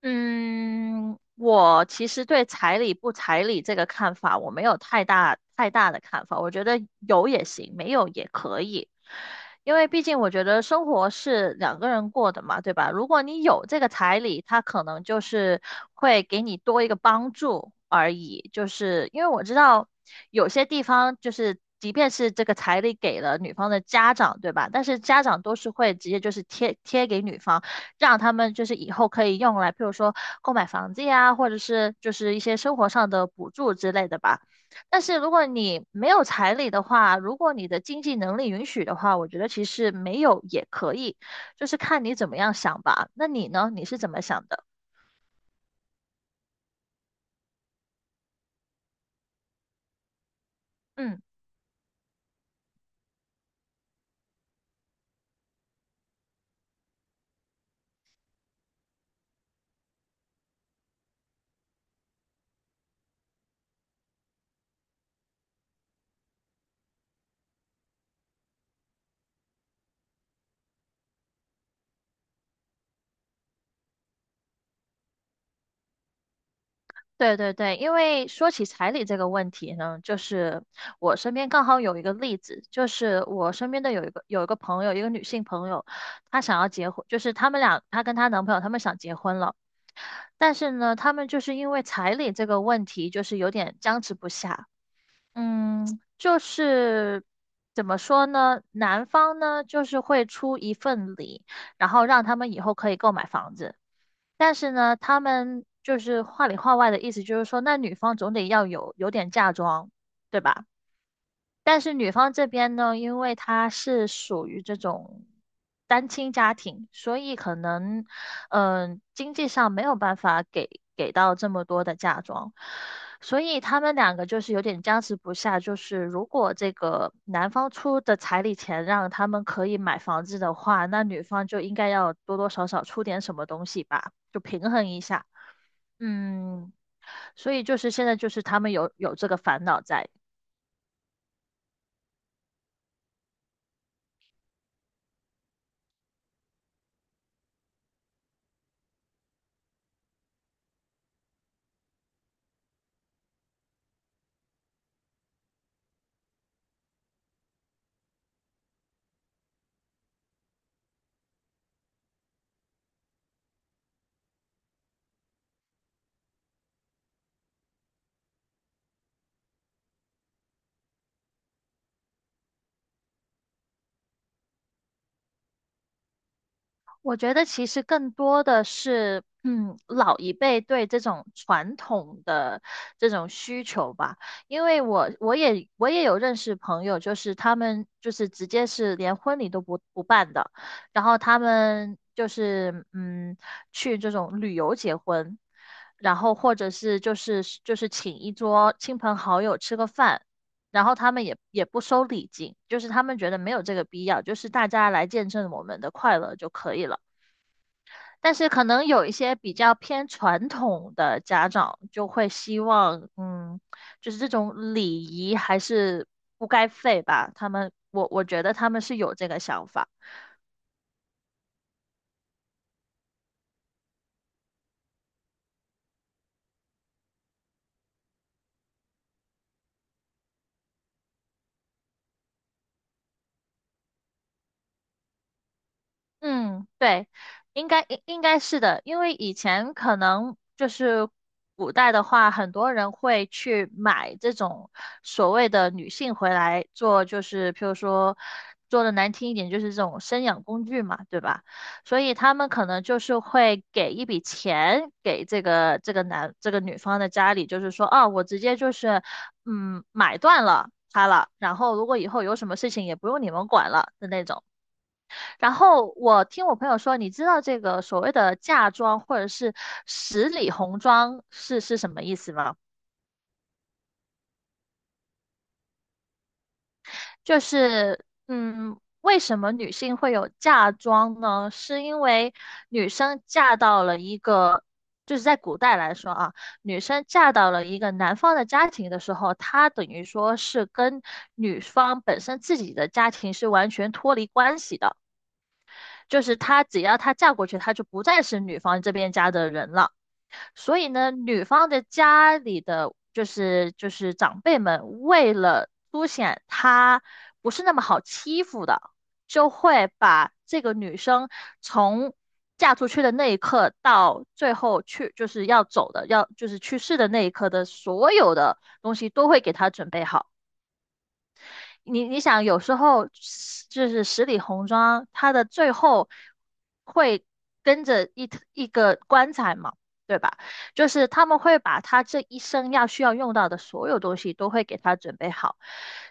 嗯，我其实对彩礼不彩礼这个看法，我没有太大的看法。我觉得有也行，没有也可以，因为毕竟我觉得生活是两个人过的嘛，对吧？如果你有这个彩礼，他可能就是会给你多一个帮助而已。就是因为我知道有些地方就是。即便是这个彩礼给了女方的家长，对吧？但是家长都是会直接就是贴给女方，让他们就是以后可以用来，譬如说购买房子呀，或者是就是一些生活上的补助之类的吧。但是如果你没有彩礼的话，如果你的经济能力允许的话，我觉得其实没有也可以，就是看你怎么样想吧。那你呢？你是怎么想的？嗯。对对对，因为说起彩礼这个问题呢，就是我身边刚好有一个例子，就是我身边的有一个朋友，一个女性朋友，她想要结婚，就是他们俩，她跟她男朋友他们想结婚了，但是呢，他们就是因为彩礼这个问题，就是有点僵持不下。嗯，就是怎么说呢？男方呢，就是会出一份礼，然后让他们以后可以购买房子。但是呢，他们就是话里话外的意思，就是说，那女方总得要有点嫁妆，对吧？但是女方这边呢，因为她是属于这种单亲家庭，所以可能，嗯、经济上没有办法给到这么多的嫁妆，所以他们两个就是有点僵持不下。就是如果这个男方出的彩礼钱让他们可以买房子的话，那女方就应该要多多少少出点什么东西吧，就平衡一下。嗯，所以就是现在就是他们有这个烦恼在。我觉得其实更多的是，嗯，老一辈对这种传统的这种需求吧。因为我有认识朋友，就是他们就是直接是连婚礼都不办的，然后他们就是去这种旅游结婚，然后或者是就是请一桌亲朋好友吃个饭。然后他们也不收礼金，就是他们觉得没有这个必要，就是大家来见证我们的快乐就可以了。但是可能有一些比较偏传统的家长就会希望，嗯，就是这种礼仪还是不该废吧。他们，我觉得他们是有这个想法。嗯，对，应该是的，因为以前可能就是古代的话，很多人会去买这种所谓的女性回来做，就是譬如说做的难听一点，就是这种生养工具嘛，对吧？所以他们可能就是会给一笔钱给这个这个男这个女方的家里，就是说，哦，我直接就是买断了他了，然后如果以后有什么事情也不用你们管了的那种。然后我听我朋友说，你知道这个所谓的嫁妆或者是十里红妆是什么意思吗？就是嗯，为什么女性会有嫁妆呢？是因为女生嫁到了一个，就是在古代来说啊，女生嫁到了一个男方的家庭的时候，她等于说是跟女方本身自己的家庭是完全脱离关系的，就是她只要她嫁过去，她就不再是女方这边家的人了。所以呢，女方的家里的就是长辈们，为了凸显她不是那么好欺负的，就会把这个女生从嫁出去的那一刻到最后去就是要走的，要就是去世的那一刻的所有的东西都会给她准备好。你想，有时候就是十里红妆，它的最后会跟着一个棺材嘛，对吧？就是他们会把他这一生要需要用到的所有东西都会给他准备好。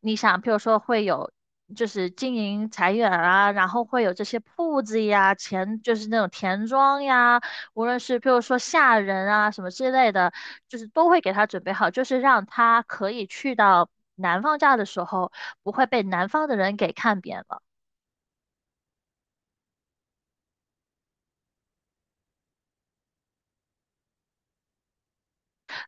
你想，譬如说会有。就是经营财源啊，然后会有这些铺子呀，钱就是那种田庄呀，无论是譬如说下人啊什么之类的，就是都会给他准备好，就是让他可以去到南方家的时候，不会被南方的人给看扁了。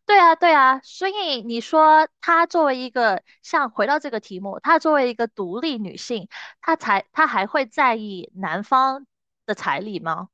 对啊，对啊，所以你说她作为一个，像回到这个题目，她作为一个独立女性，她还会在意男方的彩礼吗？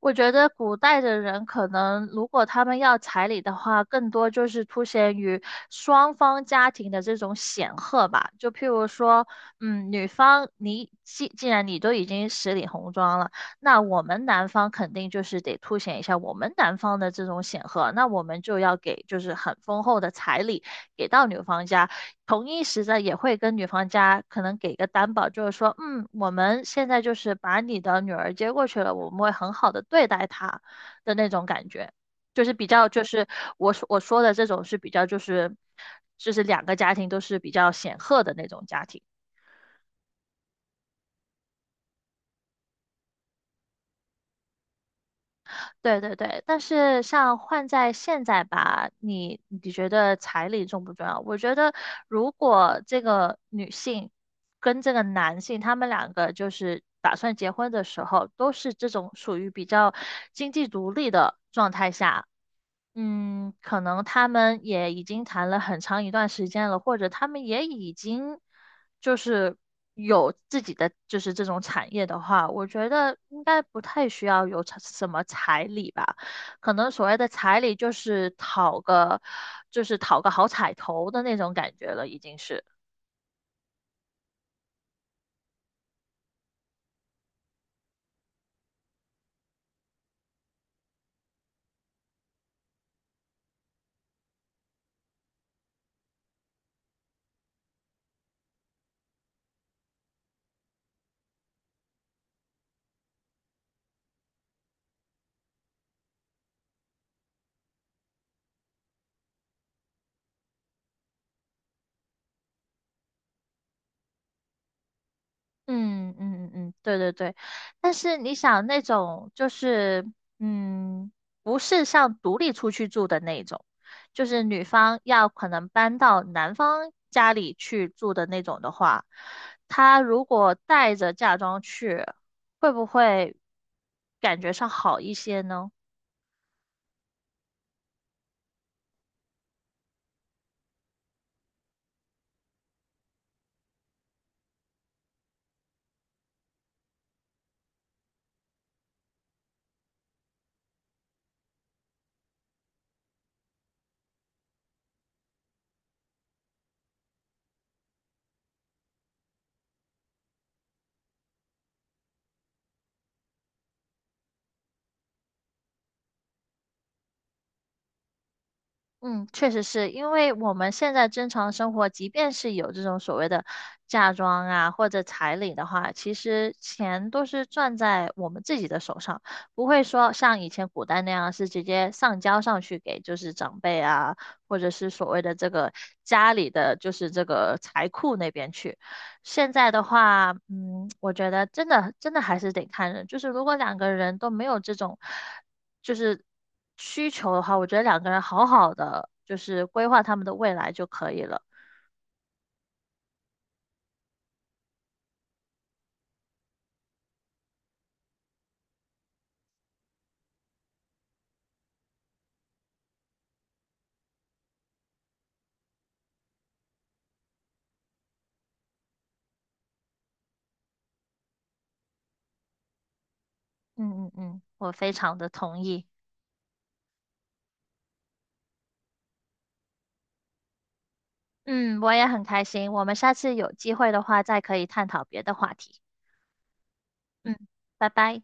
我觉得古代的人可能，如果他们要彩礼的话，更多就是凸显于双方家庭的这种显赫吧。就譬如说，嗯，女方你既然你都已经十里红妆了，那我们男方肯定就是得凸显一下我们男方的这种显赫，那我们就要给就是很丰厚的彩礼。给到女方家，同一时的也会跟女方家可能给个担保，就是说，嗯，我们现在就是把你的女儿接过去了，我们会很好的对待她的那种感觉，就是比较就是我说的这种是比较就是两个家庭都是比较显赫的那种家庭。对对对，但是像换在现在吧，你觉得彩礼重不重要？我觉得如果这个女性跟这个男性，他们两个就是打算结婚的时候，都是这种属于比较经济独立的状态下，嗯，可能他们也已经谈了很长一段时间了，或者他们也已经就是有自己的就是这种产业的话，我觉得应该不太需要有彩什么彩礼吧。可能所谓的彩礼就是讨个就是讨个好彩头的那种感觉了，已经是。嗯嗯嗯嗯，对对对，但是你想那种就是嗯，不是像独立出去住的那种，就是女方要可能搬到男方家里去住的那种的话，她如果带着嫁妆去，会不会感觉上好一些呢？嗯，确实是因为我们现在正常生活，即便是有这种所谓的嫁妆啊或者彩礼的话，其实钱都是攥在我们自己的手上，不会说像以前古代那样是直接上交上去给就是长辈啊，或者是所谓的这个家里的就是这个财库那边去。现在的话，嗯，我觉得真的还是得看人，就是如果两个人都没有这种。就是需求的话，我觉得两个人好好的就是规划他们的未来就可以了。嗯嗯嗯，我非常的同意。嗯，我也很开心。我们下次有机会的话，再可以探讨别的话题。嗯，拜拜。